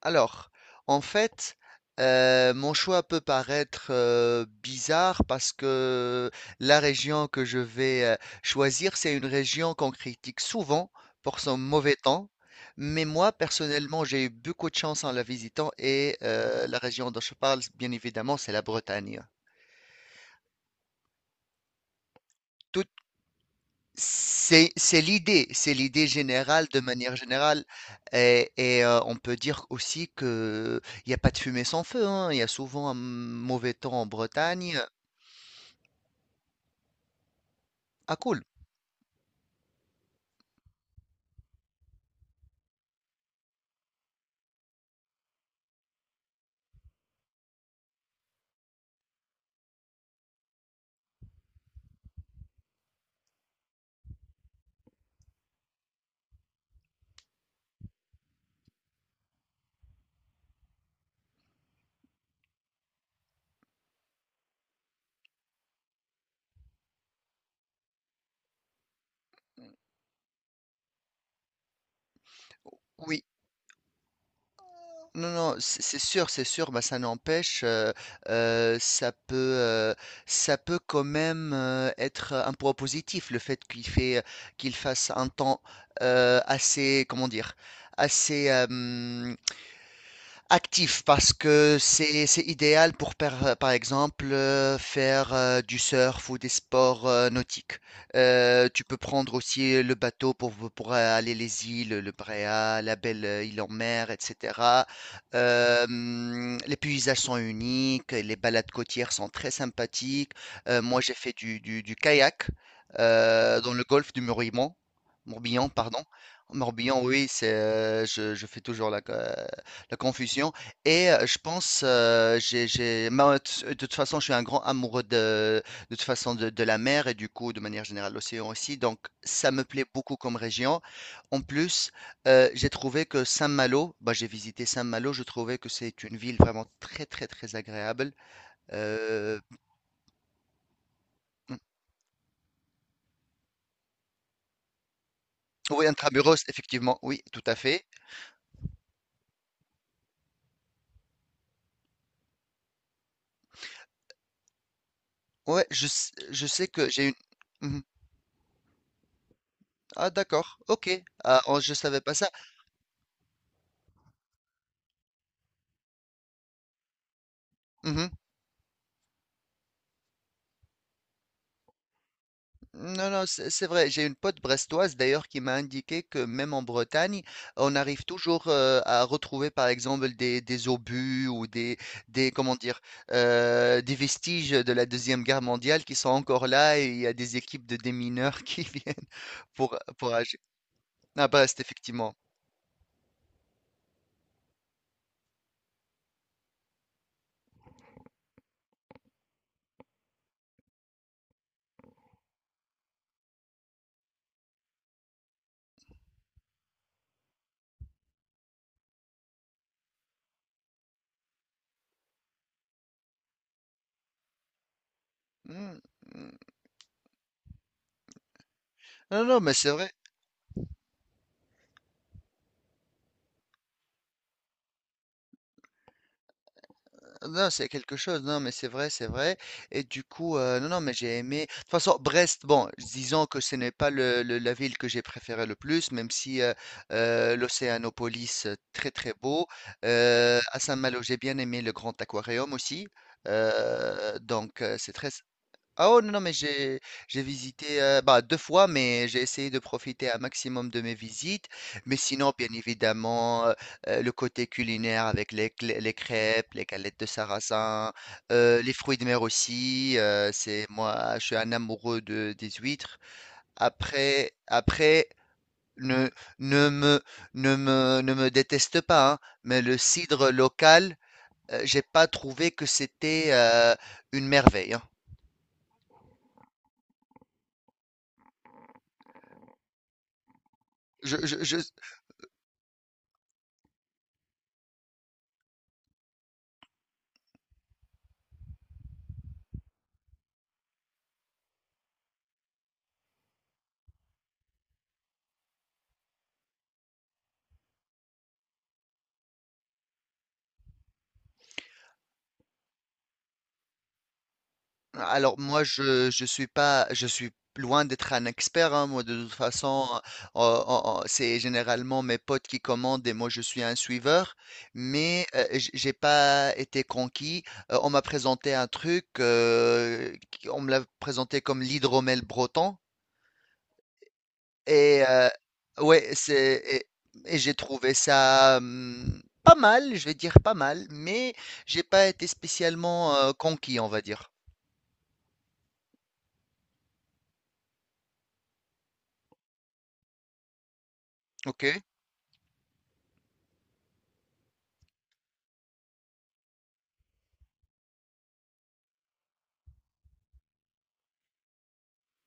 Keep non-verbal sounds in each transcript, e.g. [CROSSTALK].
Alors, en fait, mon choix peut paraître bizarre parce que la région que je vais choisir, c'est une région qu'on critique souvent pour son mauvais temps. Mais moi, personnellement, j'ai eu beaucoup de chance en la visitant et la région dont je parle, bien évidemment, c'est la Bretagne. Tout c'est l'idée, c'est l'idée générale de manière générale. Et on peut dire aussi que il n'y a pas de fumée sans feu, hein. Il y a souvent un mauvais temps en Bretagne. Ah cool, oui. Non, non, c'est sûr, c'est sûr, bah, ça n'empêche, euh, ça peut, euh, ça peut quand même être un point positif, le fait, qu'il fasse un temps assez, comment dire, assez, actif parce que c'est idéal pour par exemple faire du surf ou des sports nautiques. Tu peux prendre aussi le bateau pour aller les îles, le Bréa, la belle île en mer, etc. Les paysages sont uniques, et les balades côtières sont très sympathiques. Moi j'ai fait du kayak dans le golfe du Morbihan, Morbihan, pardon. Morbihan, oui, c'est, je fais toujours la, la confusion. Et je pense, moi, de toute façon, je suis un grand amoureux de toute façon de la mer et du coup, de manière générale, l'océan aussi. Donc, ça me plaît beaucoup comme région. En plus, j'ai trouvé que Saint-Malo, bah, j'ai visité Saint-Malo, je trouvais que c'est une ville vraiment très, très, très agréable. Euh, oui, intramuros, effectivement, oui, tout à fait. Je sais que j'ai une. Mhm. Ah, d'accord, OK. Ah, oh, je savais pas ça. Mhm. Non, non, c'est vrai. J'ai une pote brestoise d'ailleurs qui m'a indiqué que même en Bretagne, on arrive toujours à retrouver par exemple des obus ou des comment dire des vestiges de la Deuxième Guerre mondiale qui sont encore là et il y a des équipes de démineurs [LAUGHS] qui viennent pour agir. Ah bah c'est effectivement. Hmm, hmm. Non, non, mais c'est vrai. Non, c'est quelque chose, non, mais c'est vrai, c'est vrai. Et du coup, non, non, mais j'ai aimé. De toute façon, Brest, bon, disons que ce n'est pas la ville que j'ai préférée le plus, même si l'Océanopolis, très très beau. À Saint-Malo, j'ai bien aimé le Grand Aquarium aussi. C'est très, ah oh non, non, mais j'ai visité bah, deux fois, mais j'ai essayé de profiter un maximum de mes visites. Mais sinon, bien évidemment, le côté culinaire avec les crêpes, les galettes de sarrasin, les fruits de mer aussi. C'est moi, je suis un amoureux de, des huîtres. Après, après, ne, ne me, ne me déteste pas, hein, mais le cidre local, j'ai pas trouvé que c'était une merveille. Hein. Je, je- je- Alors moi je suis pas je suis loin d'être un expert hein, moi de toute façon euh, c'est généralement mes potes qui commandent et moi je suis un suiveur mais j'ai pas été conquis. On m'a présenté un truc on me l'a présenté comme l'hydromel breton et ouais c'est et j'ai trouvé ça pas mal je vais dire pas mal mais j'ai pas été spécialement conquis on va dire. OK.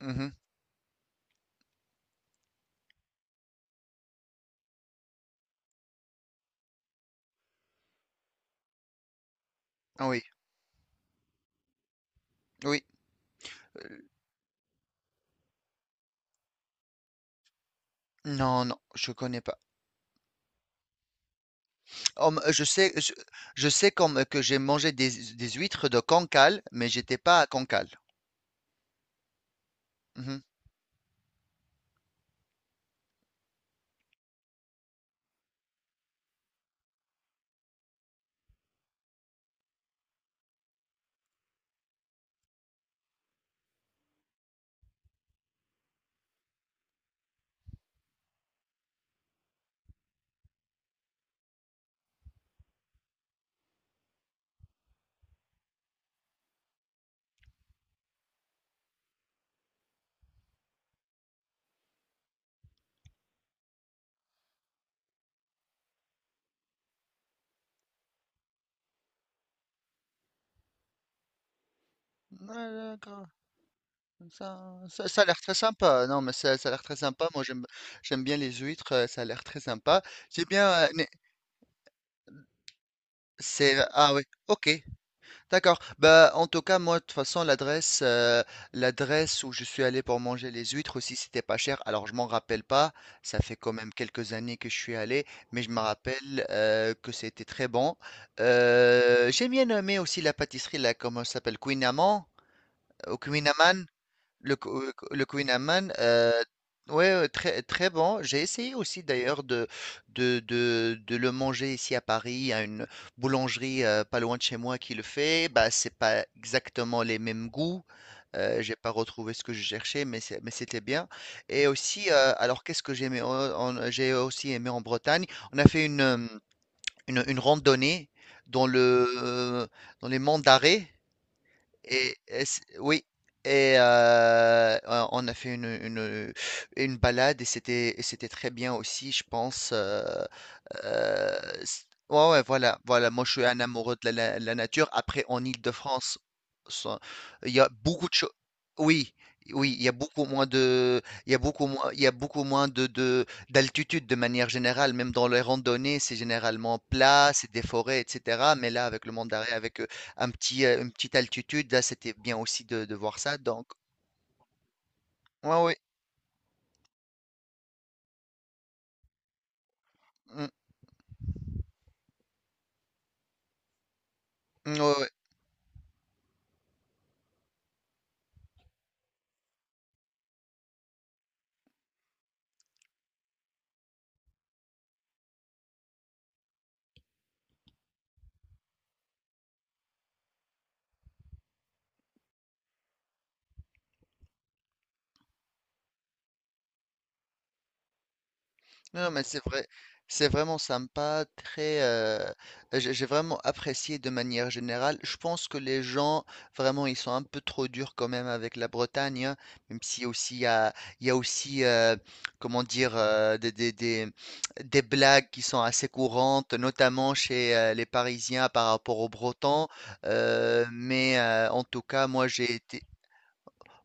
Mhm. Ah oui, oui. Non, non, je connais pas. Oh, je sais, je sais comme que j'ai mangé des huîtres de Cancale, mais j'étais pas à Cancale. Mhm. Ouais, d'accord. Ça, ça a l'air très sympa. Non, mais ça a l'air très sympa. J'aime bien les huîtres. Ça a l'air très sympa. C'est bien. C'est, ah oui. OK. D'accord. Bah, en tout cas, moi, de toute façon, l'adresse où je suis allé pour manger les huîtres aussi, c'était pas cher. Alors, je m'en rappelle pas. Ça fait quand même quelques années que je suis allé, mais je me rappelle que c'était très bon. J'ai bien aimé aussi la pâtisserie là, comment ça s'appelle? Queen Amman? Ou Queen Amman? Le Queen Amman, ouais, très, très bon. J'ai essayé aussi d'ailleurs de le manger ici à Paris, à une boulangerie pas loin de chez moi qui le fait. Bah, c'est pas exactement les mêmes goûts. J'ai pas retrouvé ce que je cherchais, mais mais c'était bien. Et aussi, alors qu'est-ce que j'ai aimé? J'ai aussi aimé en Bretagne. On a fait une randonnée dans dans les monts d'Arrée. Oui, et on a fait une balade et c'était très bien aussi, je pense. Euh, c- ouais, ouais, voilà, voilà. Moi, je suis un amoureux de la nature. Après, en Île-de-France, ça- il y a beaucoup de choses. Oui, oui, il y a beaucoup moins de, il y a beaucoup moins, il y a beaucoup moins de, d'altitude de manière générale. Même dans les randonnées, c'est généralement plat, c'est des forêts, etc. Mais là, avec le Mont d'Arrée, avec un petit, une petite altitude, là, c'était bien aussi de voir ça donc ouais, ouais, mmh, mmh, ouais, ouais. Non, non, mais c'est vrai, c'est vraiment sympa, très, j'ai vraiment apprécié de manière générale. Je pense que les gens, vraiment, ils sont un peu trop durs quand même avec la Bretagne, hein, même si aussi il y a aussi, comment dire, des des blagues qui sont assez courantes, notamment chez, les Parisiens par rapport aux Bretons, en tout cas, moi, j'ai été.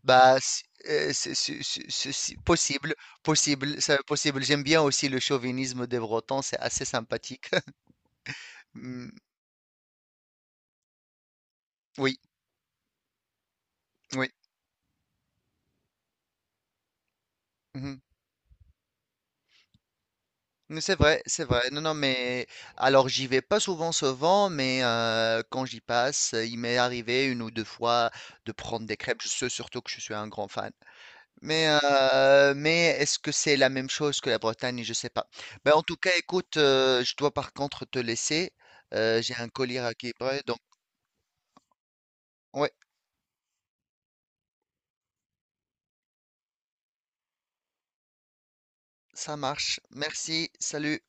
Bah, c- c'est possible, possible, c'est possible. J'aime bien aussi le chauvinisme des Bretons, c'est assez sympathique. [LAUGHS] Mm, oui, oui. Mhm. Mais c'est vrai, c'est vrai. Non, non, mais alors j'y vais pas souvent, souvent, mais quand j'y passe, il m'est arrivé une ou deux fois de prendre des crêpes. Je sais surtout que je suis un grand fan. Mais est-ce que c'est la même chose que la Bretagne? Je sais pas. Ben, en tout cas, écoute, je dois par contre te laisser. J'ai un collier à qui donc. Ouais, ça marche. Merci. Salut.